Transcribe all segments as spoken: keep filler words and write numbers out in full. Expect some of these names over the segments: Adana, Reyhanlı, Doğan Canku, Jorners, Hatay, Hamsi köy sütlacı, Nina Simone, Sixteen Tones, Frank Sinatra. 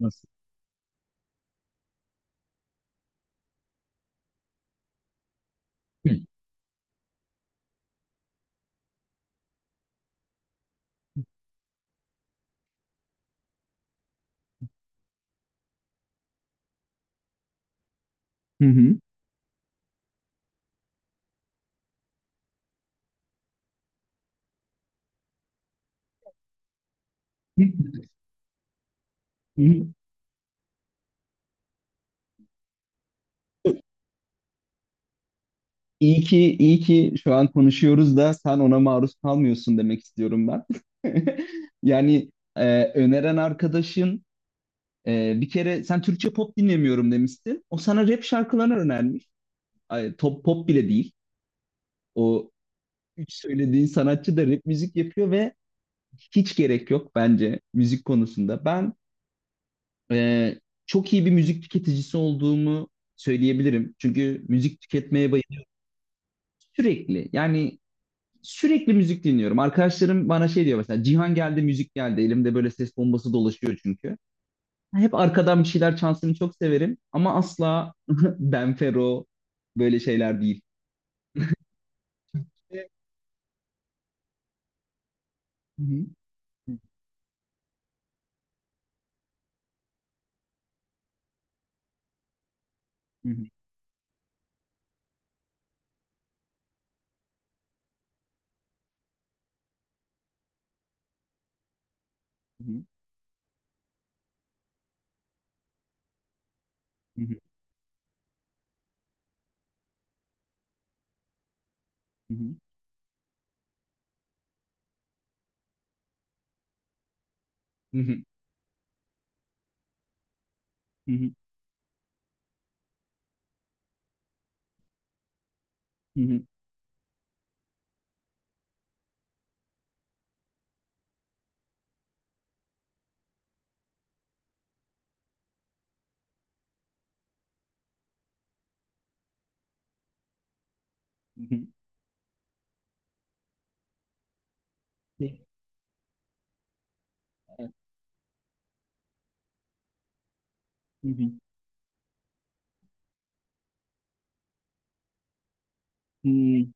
Nasıl? Hı hı. Hı. Hı hı. İyi ki iyi ki şu an konuşuyoruz da sen ona maruz kalmıyorsun demek istiyorum ben. Yani e, öneren arkadaşın e, bir kere sen Türkçe pop dinlemiyorum demiştin. O sana rap şarkılarını önermiş. Ay, top pop bile değil. O üç söylediğin sanatçı da rap müzik yapıyor ve hiç gerek yok bence müzik konusunda. Ben e, çok iyi bir müzik tüketicisi olduğumu söyleyebilirim. Çünkü müzik tüketmeye bayılıyorum. Sürekli yani sürekli müzik dinliyorum. Arkadaşlarım bana şey diyor mesela Cihan geldi müzik geldi. Elimde böyle ses bombası dolaşıyor çünkü. Yani hep arkadan bir şeyler çalsın çok severim ama asla Benfero böyle şeyler değil. Hı hı, hı hı, hı hı, hı hı, hı hı, hı hı, hı hı, hı hı. Şey, evet, hı hı, hı.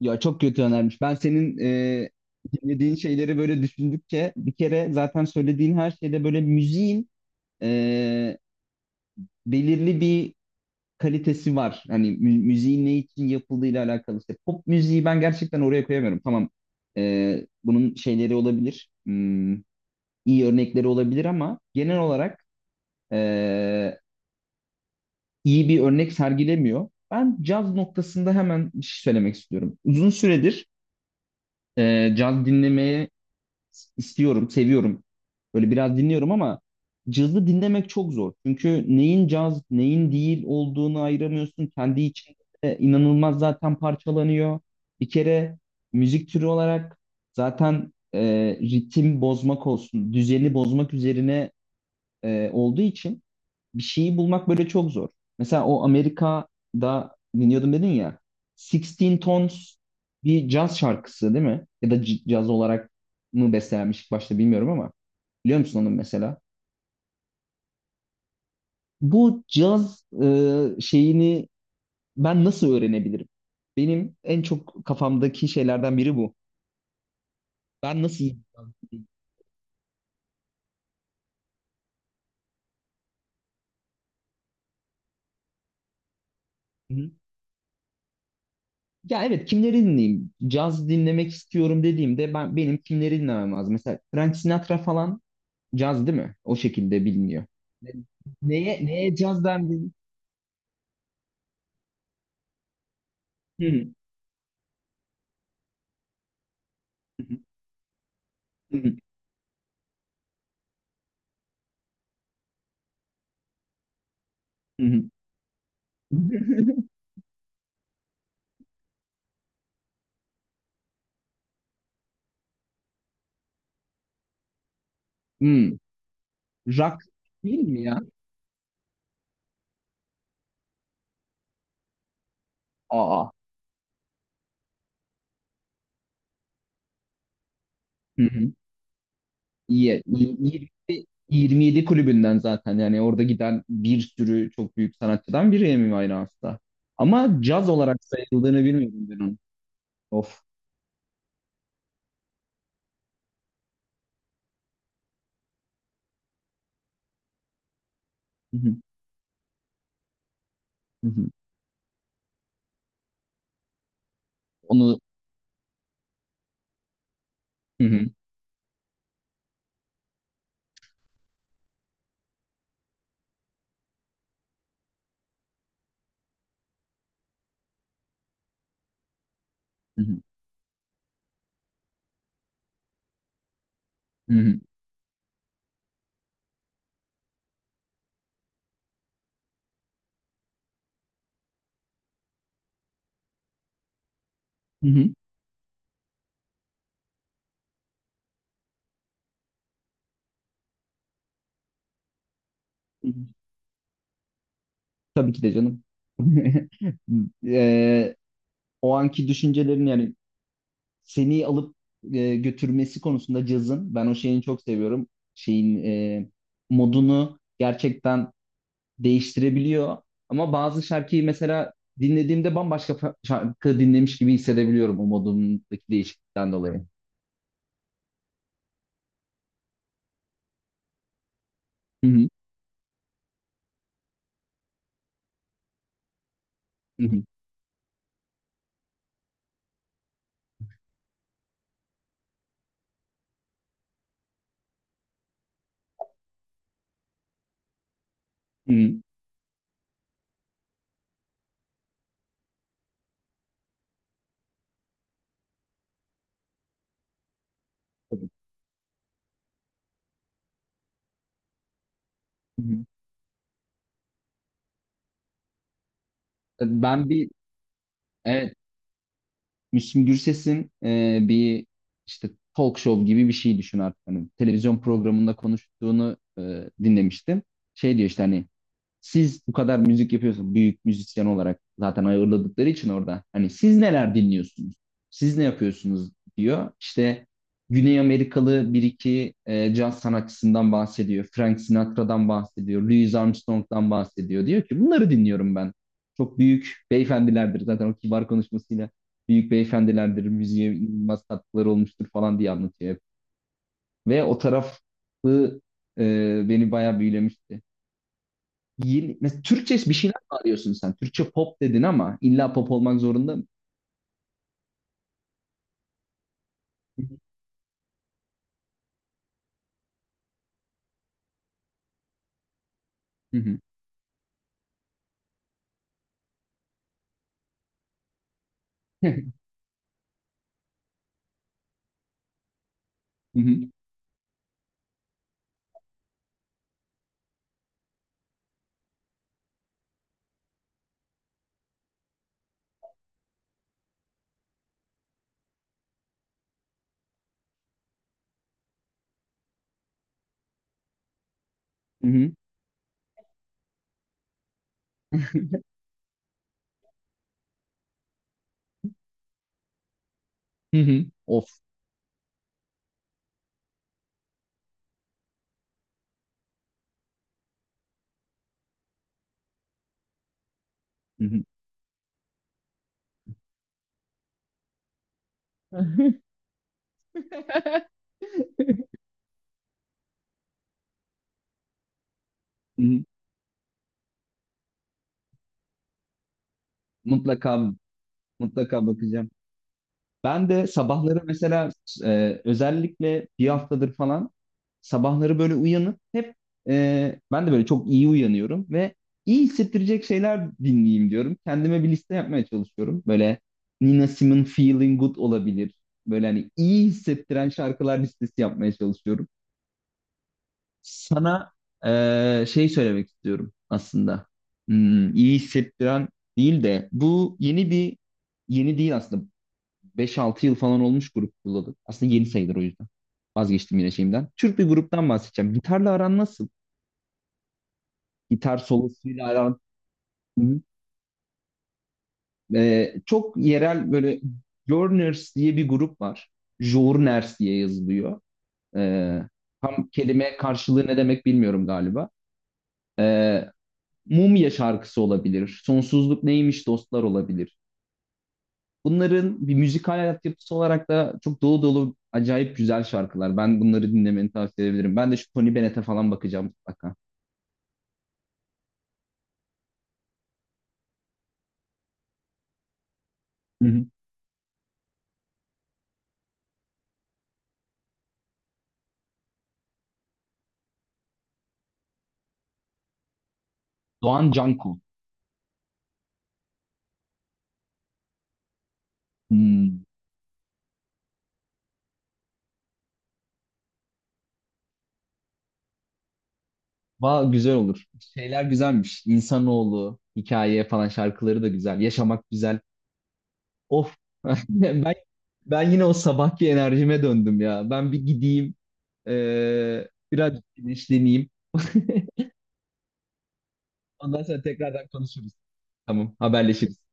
Ya çok kötü önermiş. Ben senin e, dinlediğin şeyleri böyle düşündükçe bir kere zaten söylediğin her şeyde böyle müziğin e, belirli bir kalitesi var. Hani mü- müziğin ne için yapıldığıyla alakalı. İşte pop müziği ben gerçekten oraya koyamıyorum. Tamam e, bunun şeyleri olabilir. Hmm, iyi örnekleri olabilir ama genel olarak e, iyi bir örnek sergilemiyor. Ben caz noktasında hemen bir şey söylemek istiyorum. Uzun süredir e, caz dinlemeye istiyorum, seviyorum. Böyle biraz dinliyorum ama cazı dinlemek çok zor. Çünkü neyin caz, neyin değil olduğunu ayıramıyorsun. Kendi içinde inanılmaz zaten parçalanıyor. Bir kere müzik türü olarak zaten e, ritim bozmak olsun, düzeni bozmak üzerine e, olduğu için bir şeyi bulmak böyle çok zor. Mesela o Amerika'da dinliyordum dedin ya. Sixteen Tones bir caz şarkısı değil mi? Ya da c- caz olarak mı bestelenmiş ilk başta bilmiyorum ama. Biliyor musun onu mesela? Bu caz e, şeyini ben nasıl öğrenebilirim? Benim en çok kafamdaki şeylerden biri bu. Ben nasıl caz dinleyeyim? Hı hı. Ya evet kimleri dinleyeyim? Caz dinlemek istiyorum dediğimde ben benim kimleri dinlemem lazım? Mesela Frank Sinatra falan caz değil mi? O şekilde biliniyor. Ne- Neye, neye caz dendi? Hı. Hı. Hı. Hı. Hmm. Rock değil mi ya? Aa. Hı hı. İyi. İyi- iyi- yirmi yedi kulübünden zaten yani orada giden bir sürü çok büyük sanatçıdan biri Amy Winehouse'da. Ama caz olarak sayıldığını bilmiyordum ben onu. Of. Hı hı. Hı hı. Onu. Hı hı. Hı hı. Hı hı. Hı hı. Hı hı. Tabii ki de canım. Eee, o anki düşüncelerin yani seni alıp e, götürmesi konusunda cazın ben o şeyini çok seviyorum. Şeyin e, modunu gerçekten değiştirebiliyor. Ama bazı şarkıyı mesela dinlediğimde bambaşka fa- şarkı dinlemiş gibi hissedebiliyorum o modundaki değişiklikten dolayı. Hı hı, hı hı, hı hı. Tabii. Hı hı. Ben bir evet Müslüm Gürses'in e, bir işte talk show gibi bir şey düşün artık. Hani televizyon programında konuştuğunu e, dinlemiştim. Şey diyor işte hani siz bu kadar müzik yapıyorsunuz büyük müzisyen olarak zaten ayırladıkları için orada. Hani siz neler dinliyorsunuz? Siz ne yapıyorsunuz diyor. İşte Güney Amerikalı bir iki e, caz sanatçısından bahsediyor. Frank Sinatra'dan bahsediyor. Louis Armstrong'dan bahsediyor. Diyor ki bunları dinliyorum ben. Çok büyük beyefendilerdir. Zaten o kibar konuşmasıyla büyük beyefendilerdir. Müziğe inanılmaz katkıları olmuştur falan diye anlatıyor hep. Ve o tarafı e, beni bayağı büyülemişti. Yeni, mesela Türkçe bir şeyler mi arıyorsun sen? Türkçe pop dedin ama illa pop olmak zorunda mı? Hı hı. Hı hı. Hı hı. Hı hı. Of. Hı hı. Hı hı. Mutlaka mutlaka bakacağım. Ben de sabahları mesela e, özellikle bir haftadır falan sabahları böyle uyanıp hep e, ben de böyle çok iyi uyanıyorum ve iyi hissettirecek şeyler dinleyeyim diyorum. Kendime bir liste yapmaya çalışıyorum. Böyle Nina Simone Feeling Good olabilir. Böyle hani iyi hissettiren şarkılar listesi yapmaya çalışıyorum. Sana e, şey söylemek istiyorum aslında. Hmm, iyi hissettiren değil de bu yeni bir yeni değil aslında. Beş altı yıl falan olmuş grup kulladım. Aslında yeni sayılır o yüzden. Vazgeçtim yine şeyimden. Türk bir gruptan bahsedeceğim. Gitarla aran nasıl? Gitar solosuyla aran. Hı hı. Ee, çok yerel böyle Jorners diye bir grup var. Jorners diye yazılıyor. Ee, tam kelime karşılığı ne demek bilmiyorum galiba. Ee, Mumya şarkısı olabilir. Sonsuzluk neymiş dostlar olabilir. Bunların bir müzikal altyapısı olarak da çok dolu dolu acayip güzel şarkılar. Ben bunları dinlemeni tavsiye edebilirim. Ben de şu Tony Bennett'e falan bakacağım mutlaka. Hı hı. Doğan Canku. Hmm. Va güzel olur. Şeyler güzelmiş. İnsanoğlu, hikaye falan şarkıları da güzel. Yaşamak güzel. Of. Ben ben yine o sabahki enerjime döndüm ya. Ben bir gideyim. eee, biraz güneşleneyim. Ondan sonra tekrardan konuşuruz. Tamam, haberleşiriz.